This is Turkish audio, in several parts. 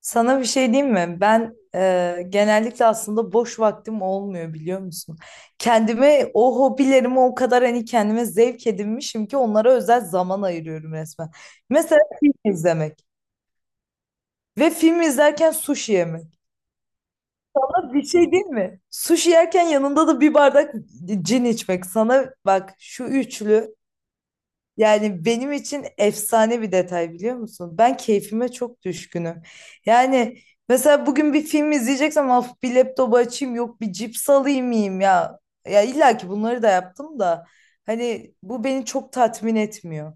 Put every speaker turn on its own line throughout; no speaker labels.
Sana bir şey diyeyim mi? Ben genellikle aslında boş vaktim olmuyor biliyor musun? Kendime o hobilerimi o kadar hani kendime zevk edinmişim ki onlara özel zaman ayırıyorum resmen. Mesela film izlemek ve film izlerken sushi yemek. Ama bir şey değil mi? Sushi yerken yanında da bir bardak cin içmek. Sana bak şu üçlü. Yani benim için efsane bir detay biliyor musun? Ben keyfime çok düşkünüm. Yani mesela bugün bir film izleyeceksem of bir laptopu açayım yok bir cips alayım yiyeyim ya. Ya illa ki bunları da yaptım da hani bu beni çok tatmin etmiyor.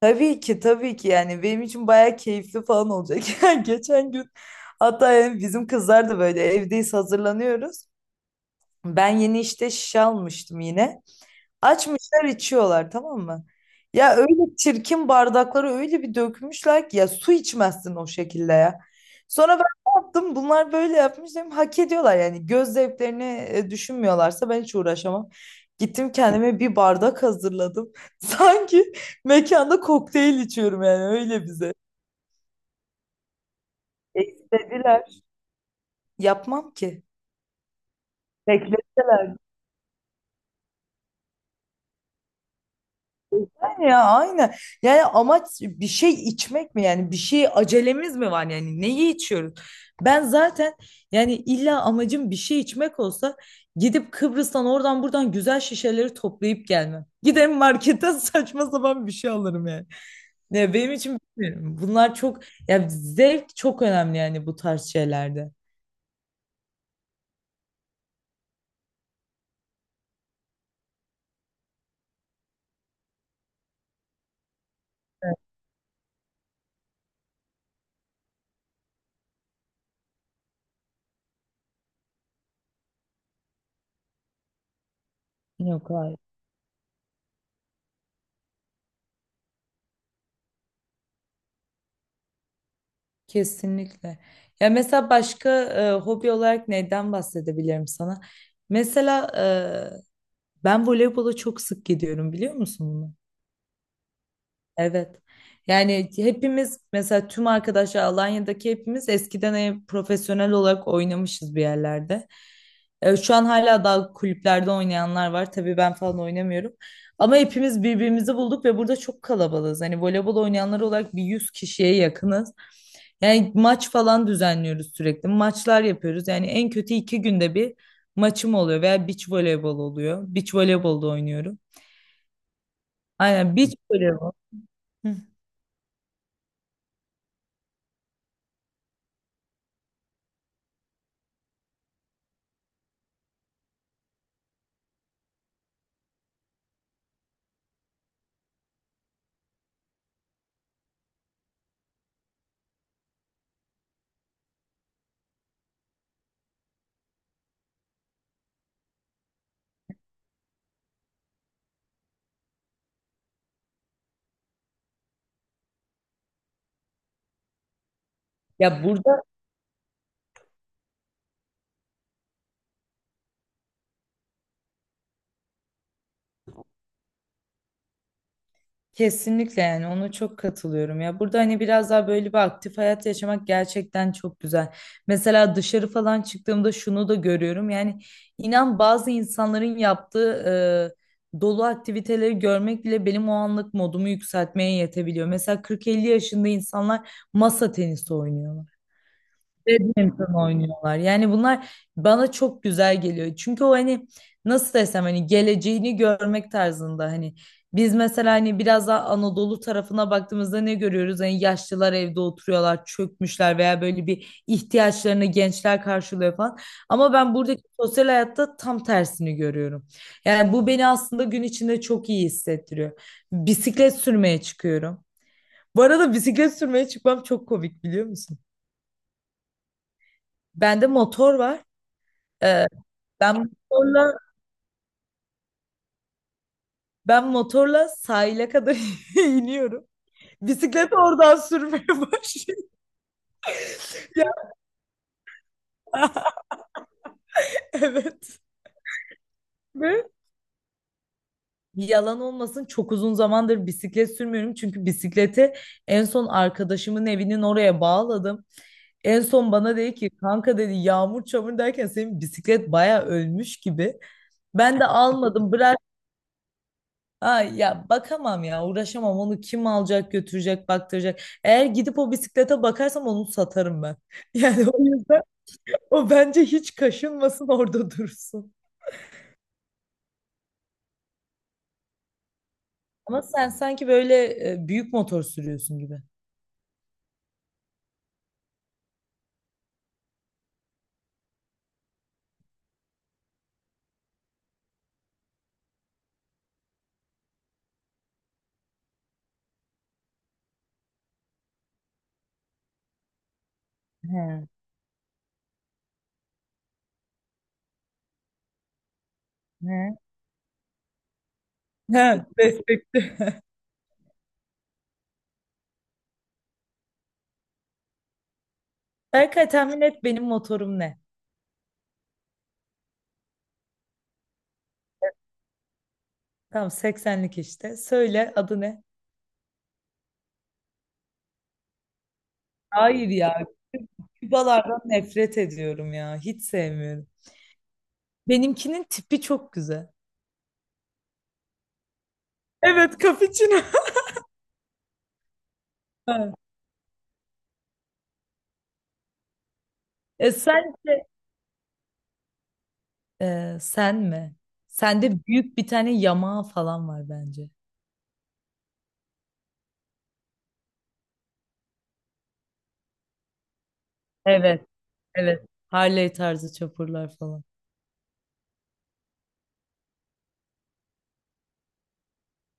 Tabii ki tabii ki, yani benim için bayağı keyifli falan olacak. Yani geçen gün, hatta yani bizim kızlar da böyle evdeyiz, hazırlanıyoruz. Ben yeni işte şişe almıştım yine. Açmışlar içiyorlar, tamam mı? Ya öyle çirkin bardakları öyle bir dökmüşler ki ya, su içmezsin o şekilde ya. Sonra ben ne yaptım? Bunlar böyle yapmış dedim. Hak ediyorlar yani. Göz zevklerini düşünmüyorlarsa ben hiç uğraşamam. Gittim kendime bir bardak hazırladım. Sanki mekanda kokteyl içiyorum, yani öyle bize. E, istediler. Yapmam ki. Beklettiler. Ya aynen. Yani amaç bir şey içmek mi, yani bir şey acelemiz mi var, yani neyi içiyoruz? Ben zaten, yani illa amacım bir şey içmek olsa gidip Kıbrıs'tan oradan buradan güzel şişeleri toplayıp gelmem. Giderim marketten saçma sapan bir şey alırım yani. Ya benim için bilmiyorum. Bunlar çok, ya zevk çok önemli yani bu tarz şeylerde. Evet. Yok, hayır. Kesinlikle. Ya mesela başka hobi olarak neyden bahsedebilirim sana? Mesela ben voleybola çok sık gidiyorum, biliyor musun bunu? Evet. Yani hepimiz, mesela tüm arkadaşlar Alanya'daki, hepimiz eskiden profesyonel olarak oynamışız bir yerlerde. Şu an hala daha kulüplerde oynayanlar var. Tabii ben falan oynamıyorum. Ama hepimiz birbirimizi bulduk ve burada çok kalabalığız. Hani voleybol oynayanlar olarak bir 100 kişiye yakınız. Yani maç falan düzenliyoruz sürekli. Maçlar yapıyoruz. Yani en kötü iki günde bir maçım oluyor veya beach voleybol oluyor. Beach voleybolda oynuyorum. Aynen, beach voleybol. Hı. Ya burada kesinlikle, yani ona çok katılıyorum ya. Burada hani biraz daha böyle bir aktif hayat yaşamak gerçekten çok güzel. Mesela dışarı falan çıktığımda şunu da görüyorum. Yani inan, bazı insanların yaptığı dolu aktiviteleri görmek bile benim o anlık modumu yükseltmeye yetebiliyor. Mesela 40-50 yaşında insanlar masa tenisi oynuyorlar. Badminton oynuyorlar. Yani bunlar bana çok güzel geliyor. Çünkü o hani nasıl desem, hani geleceğini görmek tarzında, hani biz mesela hani biraz daha Anadolu tarafına baktığımızda ne görüyoruz? Hani yaşlılar evde oturuyorlar, çökmüşler veya böyle bir ihtiyaçlarını gençler karşılıyor falan. Ama ben buradaki sosyal hayatta tam tersini görüyorum. Yani bu beni aslında gün içinde çok iyi hissettiriyor. Bisiklet sürmeye çıkıyorum. Bu arada bisiklet sürmeye çıkmam çok komik, biliyor musun? Bende motor var. Ee, ben motorla ben motorla sahile kadar iniyorum. Bisikleti oradan sürmeye başlıyorum. Ya, evet. Ve yalan olmasın, çok uzun zamandır bisiklet sürmüyorum. Çünkü bisikleti en son arkadaşımın evinin oraya bağladım. En son bana dedi ki, kanka dedi, yağmur çamur derken senin bisiklet baya ölmüş gibi. Ben de almadım, bıraktım. Ay ya bakamam ya, uğraşamam, onu kim alacak, götürecek, baktıracak. Eğer gidip o bisiklete bakarsam onu satarım ben. Yani o yüzden o, bence hiç kaşınmasın, orada dursun. Ama sen sanki böyle büyük motor sürüyorsun gibi. He, he. He, destekli. Berkay tahmin et benim motorum ne? Tamam, seksenlik işte. Söyle adı ne? Hayır ya. Kübalardan nefret ediyorum ya. Hiç sevmiyorum. Benimkinin tipi çok güzel. Evet, cappuccino. Ha. E sence, sen mi? Sende büyük bir tane yamağı falan var bence. Evet, evet. Harley tarzı çapurlar falan.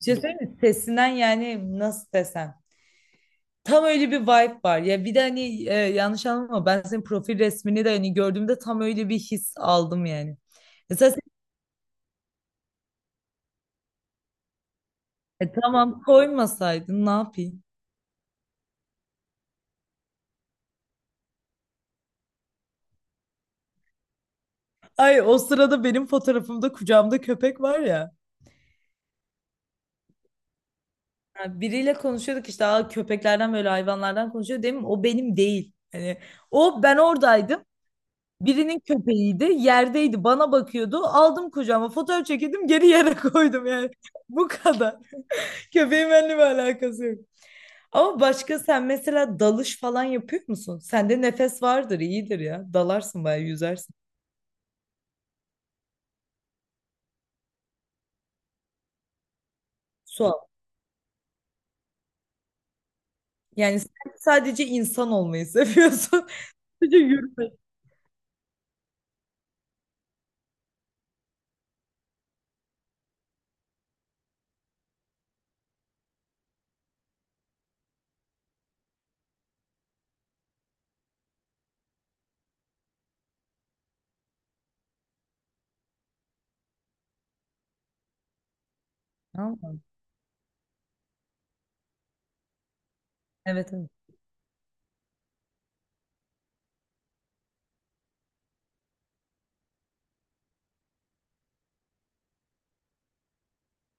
Bir şey söyleyeyim mi? Sesinden, yani nasıl desem? Tam öyle bir vibe var. Ya bir de hani yanlış anlama, ben senin profil resmini de hani gördüğümde tam öyle bir his aldım yani. Mesela sen, tamam, koymasaydın ne yapayım? Ay o sırada benim fotoğrafımda kucağımda köpek var ya. Ha, biriyle konuşuyorduk işte. Aa, köpeklerden böyle hayvanlardan konuşuyor değil, o benim değil. Hani o, ben oradaydım. Birinin köpeğiydi, yerdeydi, bana bakıyordu. Aldım kucağıma, fotoğraf çekildim, geri yere koydum yani. Bu kadar. Köpeğin benimle bir alakası yok. Ama başka, sen mesela dalış falan yapıyor musun? Sende nefes vardır, iyidir ya. Dalarsın, bayağı yüzersin. Su al. Yani sen sadece insan olmayı seviyorsun. Sadece yürümeyi. Tamam. Evet, evet.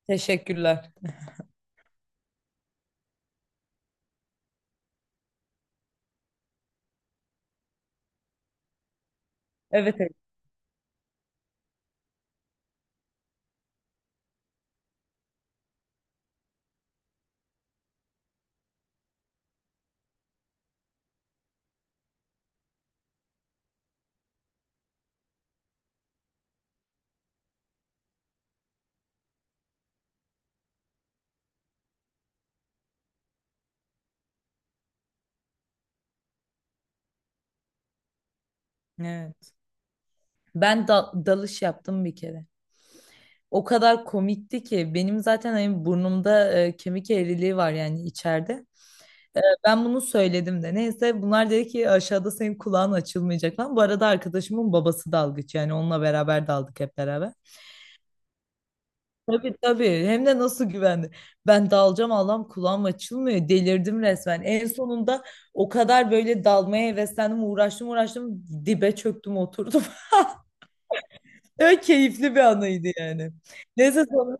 Teşekkürler. Evet, evet. Evet. Ben dalış yaptım bir kere. O kadar komikti ki, benim zaten hani burnumda kemik eğriliği var, yani içeride. Ee, Ben bunu söyledim de. Neyse, bunlar dedi ki aşağıda senin kulağın açılmayacak falan. Bu arada arkadaşımın babası dalgıç, yani onunla beraber daldık hep beraber. Tabii tabii, hem de nasıl güvendi. Ben dalacağım, Allah'ım kulağım açılmıyor. Delirdim resmen. En sonunda o kadar böyle dalmaya heveslendim, uğraştım uğraştım, dibe çöktüm oturdum. Öyle keyifli bir anıydı yani. Neyse, sonra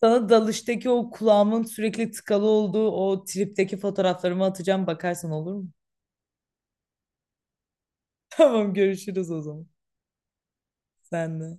sana dalıştaki o kulağımın sürekli tıkalı olduğu o tripteki fotoğraflarımı atacağım, bakarsan olur mu? Tamam, görüşürüz o zaman. Sen de.